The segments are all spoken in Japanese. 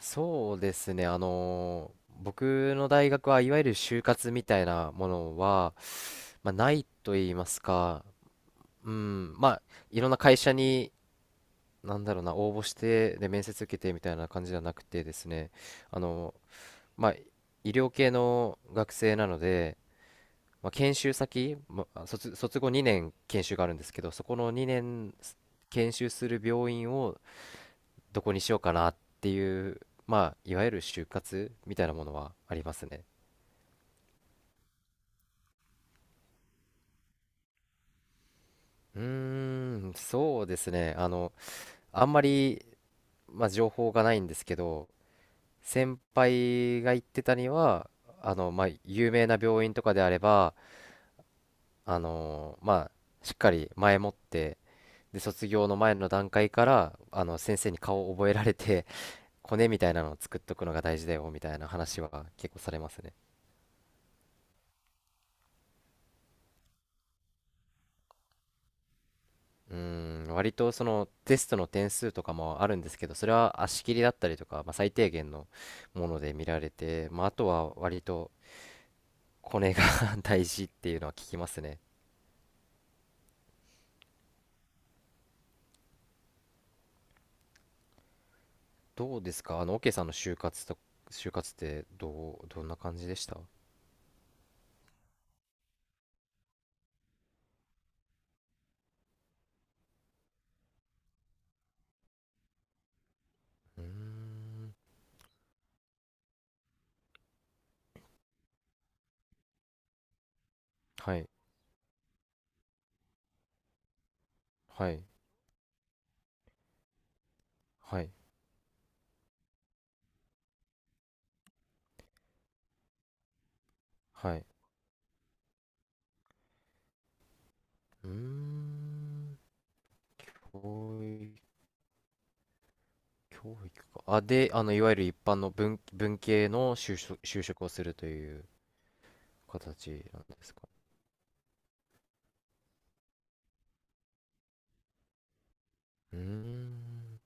そうですね、僕の大学はいわゆる就活みたいなものは、ないと言いますか、うん、まあいろんな会社になんだろうな応募して面接受けてみたいな感じじゃなくてですね、あのまあ医療系の学生なので、まあ、研修先、まあ、卒後2年研修があるんですけど、そこの2年研修する病院をどこにしようかなっていう、まあ、いわゆる就活みたいなものはありますね。うーん、そうですね。あんまり、まあ、情報がないんですけど、先輩が言ってたには、まあ、有名な病院とかであれば、あの、まあ、しっかり前もって、で、卒業の前の段階から、先生に顔を覚えられて、コネみたいなのを作っとくのが大事だよ、みたいな話は結構されますね。うん、割とそのテストの点数とかもあるんですけど、それは足切りだったりとか、まあ、最低限のもので見られて、まあ、あとは割とコネが 大事っていうのは聞きますね。どうですか、オケさんの就活と、就活ってどう、どんな感じでした？うーん、はい、はい、はい、はい。うーん、教育、教育か。あ、で、あの、いわゆる一般の文系の就職をするという形なんですか？うーん。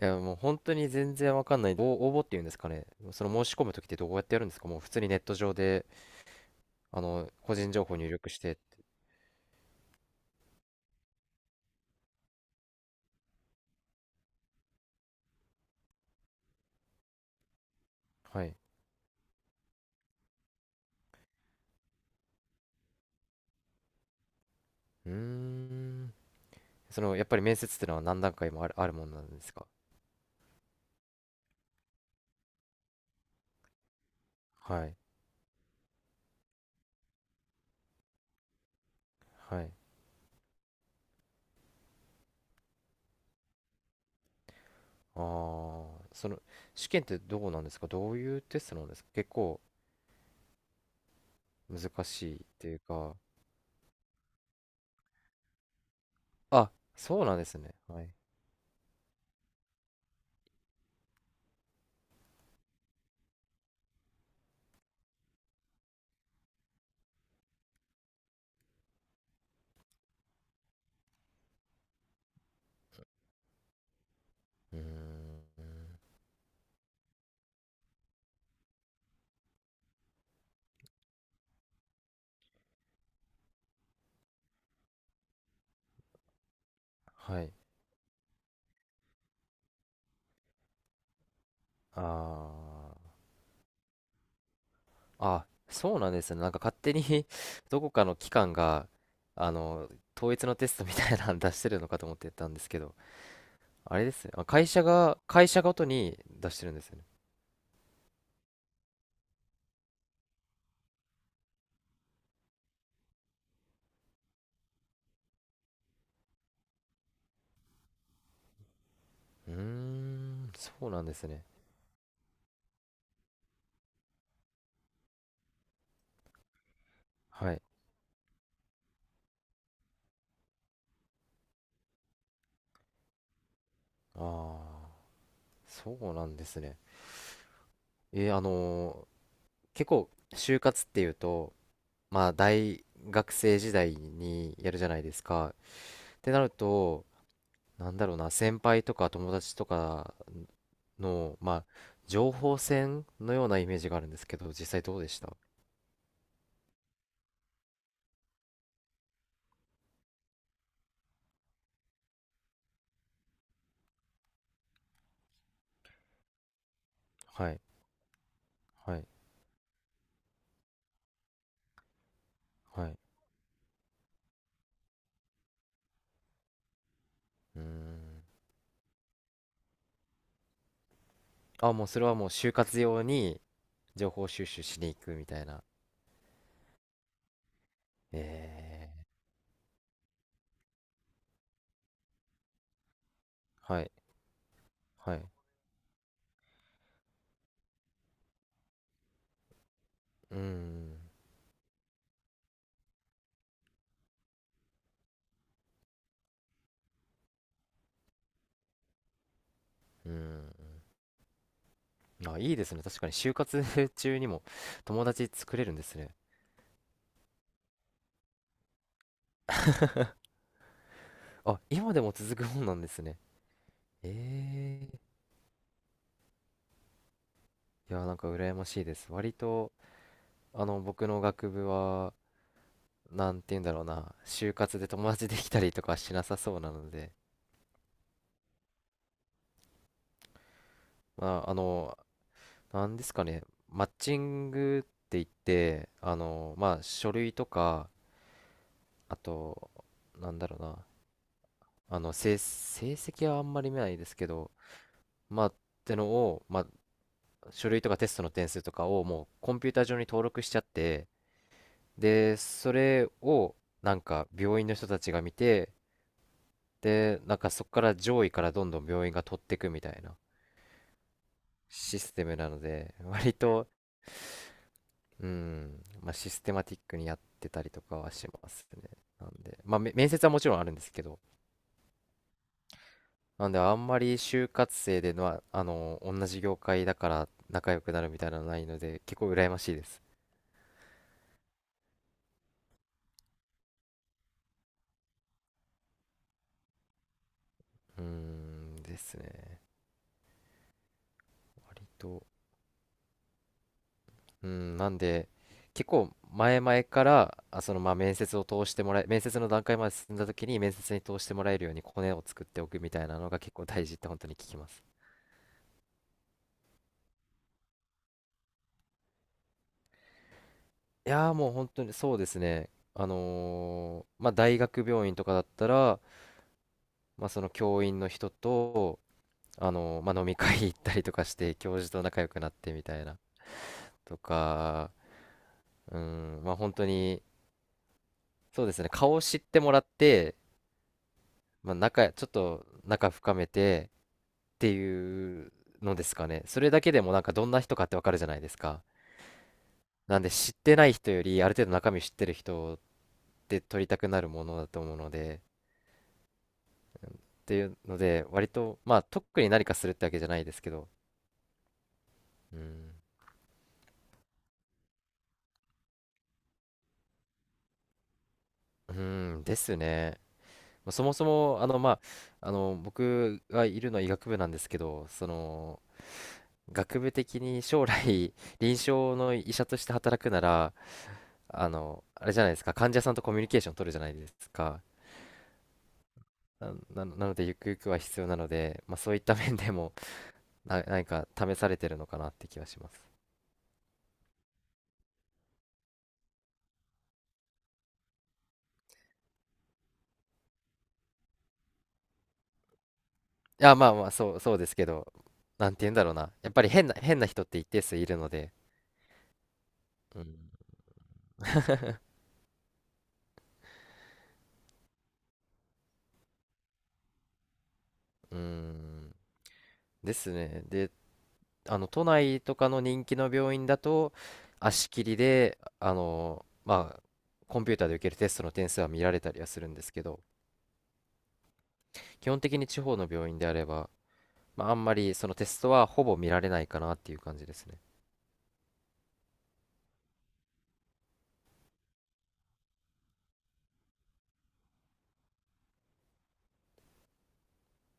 いや、もう本当に全然わかんない。応募っていうんですかね。その申し込むときってどうやってやるんですか？もう普通にネット上で、あの、個人情報入力してって。はい。うーん。その、やっぱり面接ってのは何段階もあるもんなんですか？はい。はい。ああ、その、試験ってどうなんですか？どういうテストなんですか？結構難しいっていうか。あ、そうなんですね。はい。うーん。はい。ああ。あ、そうなんですね。なんか勝手に どこかの機関が、あの、統一のテストみたいなの出してるのかと思ってたんですけど、あれですね。あ、会社ごとに出してるんですよね。うーん、そうなんですね。はい。ああ、そうなんですね。えーあのー結構、就活っていうと、まあ、大学生時代にやるじゃないですか。ってなると、なんだろうな、先輩とか友達とかの、まあ、情報戦のようなイメージがあるんですけど、実際どうでした？はい、はい、はい。うーん。あ、もうそれはもう就活用に情報収集しに行くみたいな。えー、はい、はい。うーん、うーん。あ、いいですね。確かに就活 中にも友達作れるんですね。あ、今でも続くもんなんですね。えー、いや、なんか羨ましいです。割と、あの、僕の学部は、なんて言うんだろうな、就活で友達できたりとかしなさそうなので、まあ、あの、なんですかね、マッチングって言って、あの、まあ、書類とか、あと、なんだろうな、あの、成績はあんまり見ないですけど、まあ、ってのを、まあ、書類とかテストの点数とかをもうコンピューター上に登録しちゃって、で、それを、なんか、病院の人たちが見て、で、なんかそこから上位からどんどん病院が取っていくみたいなシステムなので、割と、うん、まあ、システマティックにやってたりとかはしますね。なんで、まあ、面接はもちろんあるんですけど、なんで、あんまり就活生でのは、あの、同じ業界だから仲良くなるみたいなのはないので、結構羨ましいです。うーん、ですね。割と、うん、なんで、結構前々から、あ、その、まあ、面接を通してもらえ、面接の段階まで進んだ時に面接に通してもらえるようにコネを作っておくみたいなのが結構大事って本当に聞きます。いやー、もう本当にそうですね。まあ大学病院とかだったら、まあその教員の人と、まあ飲み会行ったりとかして、教授と仲良くなってみたいな。とか、うん、まあ本当に、そうですね、顔を知ってもらって、まあ仲、ちょっと仲深めてっていうのですかね。それだけでもなんかどんな人かってわかるじゃないですか。なんで知ってない人より、ある程度中身知ってる人って取りたくなるものだと思うので、っていうので、割と、まあ、特に何かするってわけじゃないですけど、うん、うーんですね。まあそもそも、あの、まあ、あの、僕がいるのは医学部なんですけど、その、学部的に将来、臨床の医者として働くなら、あの、あれじゃないですか、患者さんとコミュニケーション取るじゃないですか。な、なので、ゆくゆくは必要なので、まあ、そういった面でも、何か試されてるのかなって気はします。いや、まあまあ、そうですけど、なんて言うんだろうな。やっぱり変な人って一定数いるので、うん、うーん、ですね。で、あの、都内とかの人気の病院だと、足切りで、あの、まあ、コンピューターで受けるテストの点数は見られたりはするんですけど、基本的に地方の病院であれば、まあ、あんまりそのテストはほぼ見られないかなっていう感じですね。